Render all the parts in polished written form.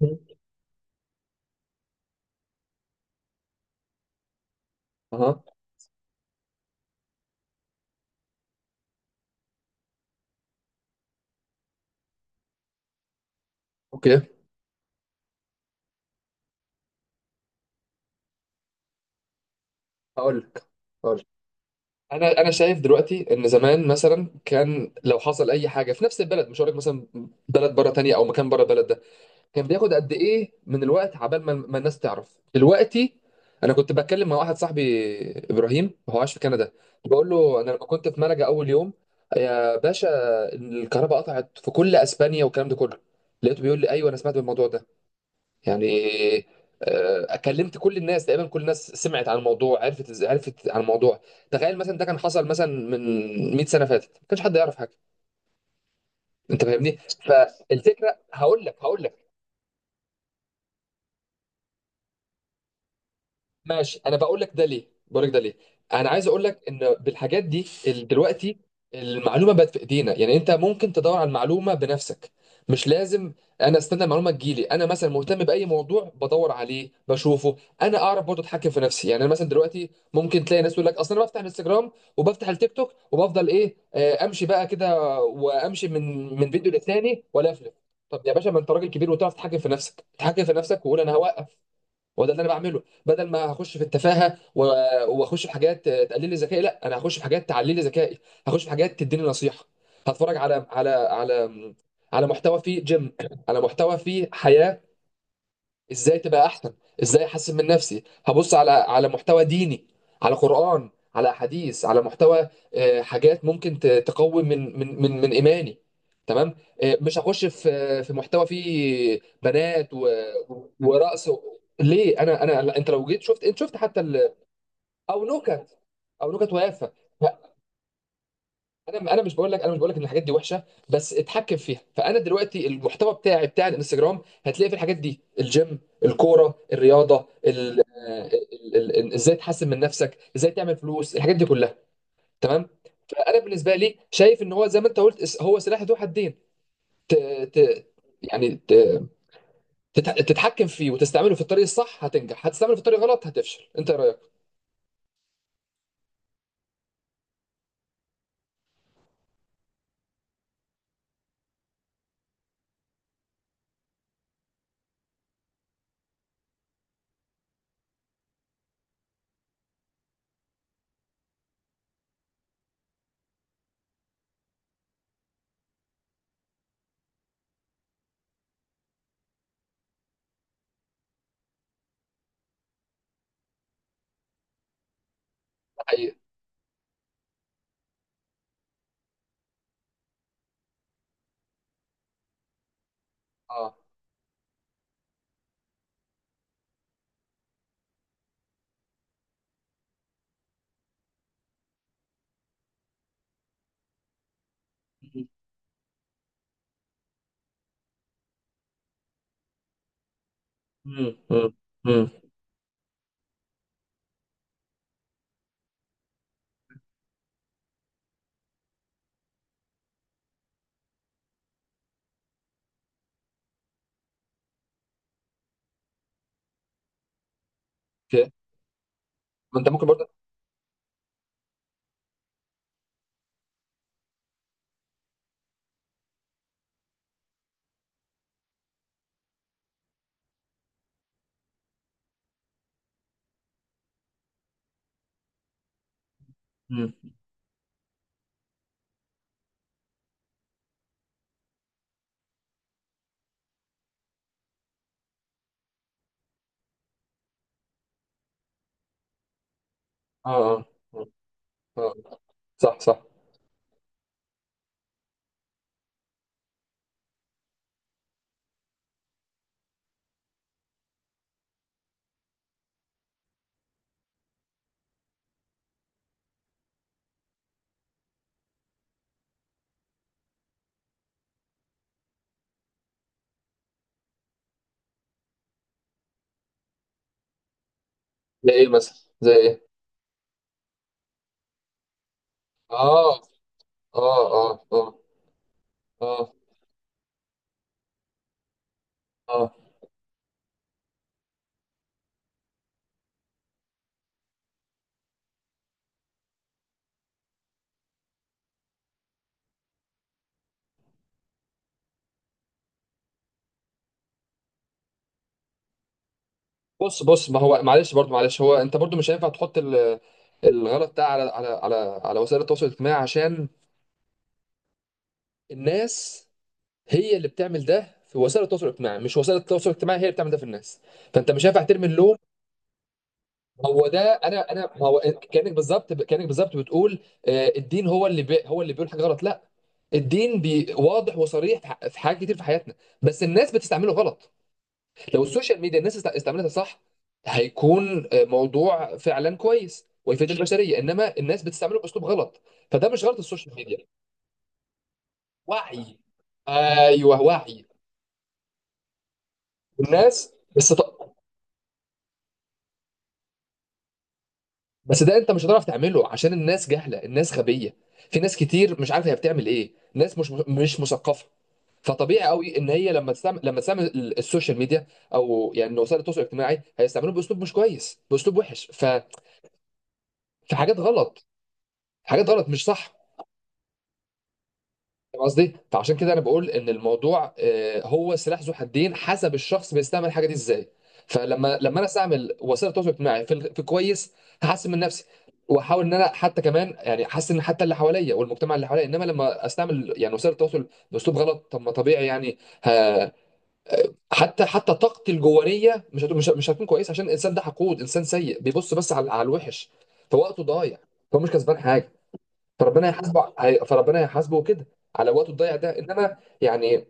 مم. اها. اوكي. هقول لك، هقول لك. انا شايف دلوقتي ان زمان مثلا كان لو حصل اي حاجه في نفس البلد، مش هقول لك مثلا بلد بره تانية او مكان بره البلد ده، كان بياخد قد ايه من الوقت عبال ما الناس تعرف. دلوقتي انا كنت بتكلم مع واحد صاحبي، ابراهيم، هو عايش في كندا، بقول له: انا لما كنت في ملجا اول يوم يا باشا الكهرباء قطعت في كل اسبانيا والكلام ده كله، لقيته بيقول لي: ايوه انا سمعت بالموضوع ده، يعني كلمت كل الناس، تقريبا كل الناس سمعت عن الموضوع، عرفت عن الموضوع. تخيل مثلا ده كان حصل مثلا من 100 سنه فاتت، ما كانش حد يعرف حاجه. انت فاهمني؟ فالفكره هقول لك، هقول لك. ماشي، انا بقول لك ده ليه، بقول لك ده ليه. انا عايز اقول لك ان بالحاجات دي دلوقتي المعلومه بقت في ايدينا، يعني انت ممكن تدور على المعلومه بنفسك، مش لازم انا استنى المعلومه تجيلي. انا مثلا مهتم باي موضوع بدور عليه بشوفه. انا اعرف برضه اتحكم في نفسي. يعني انا مثلا دلوقتي ممكن تلاقي ناس تقول لك: اصلا انا بفتح الانستجرام وبفتح التيك توك وبفضل ايه، امشي بقى كده وامشي من فيديو للتاني ولا افلف. طب يا باشا ما انت راجل كبير وتعرف تتحكم في نفسك، تتحكم في نفسك وقول انا هوقف. هو ده اللي انا بعمله، بدل ما هخش في التفاهه واخش في حاجات تقلل لي ذكائي، لا، انا هخش في حاجات تعلي لي ذكائي، هخش في حاجات تديني نصيحه، هتفرج على على على محتوى فيه جيم، على محتوى فيه حياه، ازاي تبقى احسن، ازاي احسن من نفسي. هبص على محتوى ديني، على قرآن، على احاديث، على محتوى، حاجات ممكن تقوي من ايماني. تمام. مش هخش في محتوى فيه بنات ورقص ليه؟ انا لا، انت لو جيت شفت، انت شفت حتى او نكت، او نكت ويافه. انا مش بقول لك، انا مش بقول لك ان الحاجات دي وحشه، بس اتحكم فيها. فانا دلوقتي المحتوى بتاعي بتاع الانستجرام هتلاقي في الحاجات دي: الجيم، الكوره، الرياضه، ازاي تحسن من نفسك، ازاي تعمل فلوس، الحاجات دي كلها. تمام. فانا بالنسبه لي شايف ان هو، زي ما انت قلت، هو سلاح ذو حدين. ت... ت... يعني تتحكم فيه وتستعمله في الطريق الصح هتنجح، هتستعمله في الطريق غلط هتفشل. انت إيه رايك؟ ده حقيقي. اه. امم، امم، امم. اوكي. ما انت ممكن برضه. امم. اه، اه، اه. صح، صح. زي ايه مثلا؟ زي ايه؟ اه، اه، اه، اه، اه، اه. بص، بص، ما هو معلش، برضو معلش، هو انت برضو مش هينفع تحط الغلط ده على على وسائل التواصل الاجتماعي، عشان الناس هي اللي بتعمل ده في وسائل التواصل الاجتماعي، مش وسائل التواصل الاجتماعي هي اللي بتعمل ده في الناس. فانت مش هينفع ترمي اللوم. هو ده. انا ما هو كانك بالظبط، كانك بالظبط بتقول الدين هو اللي هو اللي بيقول حاجه غلط. لا، الدين بي واضح وصريح في في حاجات كتير في حياتنا، بس الناس بتستعمله غلط. لو السوشيال ميديا الناس استعملتها صح، هيكون موضوع فعلا كويس ويفيد البشريه، انما الناس بتستعمله باسلوب غلط، فده مش غلط السوشيال ميديا. وعي، ايوه وعي. الناس بس. بس ده انت مش هتعرف تعمله، عشان الناس جهله، الناس غبيه. في ناس كتير مش عارفه هي بتعمل ايه، ناس مش مثقفه. فطبيعي قوي ان هي لما تستعمل السوشيال ميديا او يعني وسائل التواصل الاجتماعي، هيستعملوه باسلوب مش كويس، باسلوب وحش. في حاجات غلط، حاجات غلط مش صح. فاهم قصدي؟ فعشان كده انا بقول ان الموضوع، هو سلاح ذو حدين، حسب الشخص بيستعمل الحاجه دي ازاي. فلما انا استعمل وسائل التواصل الاجتماعي في كويس، هحسن من نفسي واحاول ان انا حتى كمان، يعني احسن حتى اللي حواليا والمجتمع اللي حواليا. انما لما استعمل يعني وسائل التواصل باسلوب غلط، طب ما طبيعي يعني ه- حتى طاقتي الجوانيه مش هت- مش مش هتكون كويسه، عشان الانسان ده حقود، انسان سيء، بيبص بس على الوحش، فوقته ضايع، فهو مش كسبان حاجه. فربنا هيحاسبه، فربنا هيحاسبه كده على وقته الضايع ده. انما يعني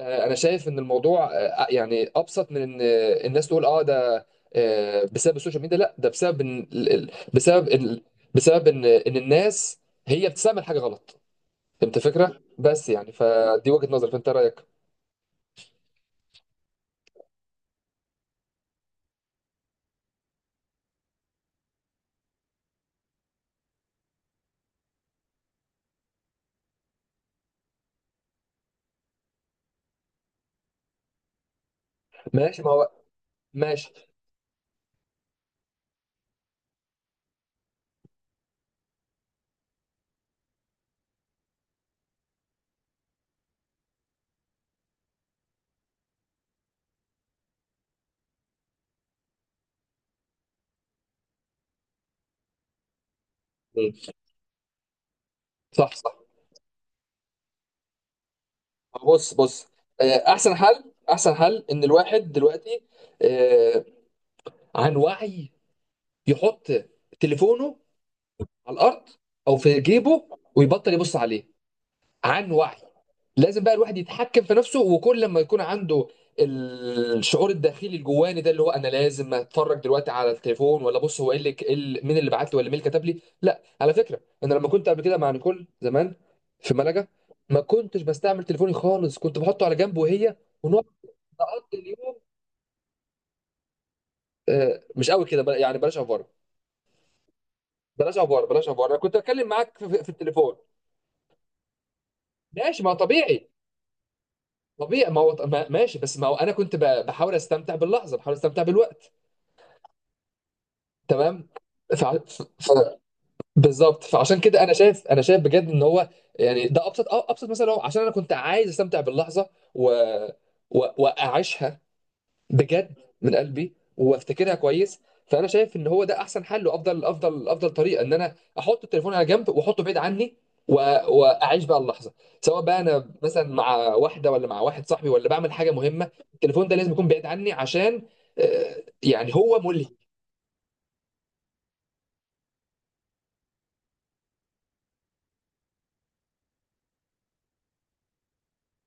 انا شايف ان الموضوع، يعني ابسط من ان، الناس تقول اه ده بسبب السوشيال ميديا. لا، ده بسبب إن بسبب إن، بسبب ان الناس هي بتستعمل حاجه غلط. فهمت الفكره؟ بس يعني فدي وجهه نظري، فانت رايك؟ ماشي ما هو ماشي. مم. صح، صح. ما هو بص بص، آه، احسن حل، احسن حل ان الواحد دلوقتي، آه، عن وعي، يحط تليفونه على الارض او في جيبه، ويبطل يبص عليه عن وعي. لازم بقى الواحد يتحكم في نفسه، وكل لما يكون عنده الشعور الداخلي الجواني ده، اللي هو انا لازم اتفرج دلوقتي على التليفون، ولا بص هو ايه اللي مين اللي بعت لي، ولا مين اللي كتب لي. لا، على فكره، انا لما كنت قبل كده مع نيكول زمان في ملجا ما كنتش بستعمل تليفوني خالص، كنت بحطه على جنب، وهي ونقعد نقضي اليوم. مش قوي كده، يعني بلاش افوره، بلاش افوره. انا كنت اتكلم معاك في التليفون. ماشي، ما طبيعي، طبيعي. ما هو ماشي. بس ما هو انا كنت بحاول استمتع باللحظه، بحاول استمتع بالوقت. تمام. ف... ف... ف... بالظبط. فعشان كده انا شايف، انا شايف بجد ان هو، يعني ده ابسط، ابسط مثلا، هو عشان انا كنت عايز استمتع باللحظه و... واعيشها بجد من قلبي وافتكرها كويس. فانا شايف ان هو ده احسن حل وافضل، افضل طريقه، ان انا احط التليفون على جنب، واحطه بعيد عني، و- واعيش بقى اللحظه، سواء بقى انا مثلا مع واحده، ولا مع واحد صاحبي، ولا بعمل حاجه مهمه. التليفون ده لازم يكون بعيد عني، عشان يعني هو ملهي.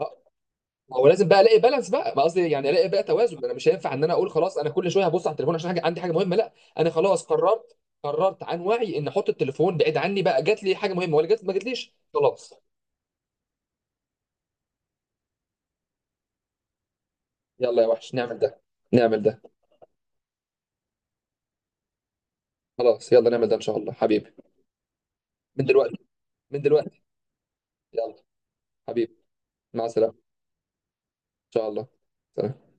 آه، هو لازم بقى الاقي بالانس، بقى ما قصدي يعني الاقي بقى توازن. انا مش هينفع ان انا اقول خلاص انا كل شويه هبص على التليفون عشان حاجه، عندي حاجه مهمه. لا، انا خلاص قررت، قررت عن وعي ان احط التليفون بعيد عني بقى. جات لي حاجه مهمه ولا جات، ما جاتليش، خلاص. يلا يا وحش نعمل ده، نعمل ده. خلاص يلا نعمل ده ان شاء الله حبيبي. من دلوقتي، من دلوقتي. يلا حبيبي، مع السلامه. ان شاء الله. سلام.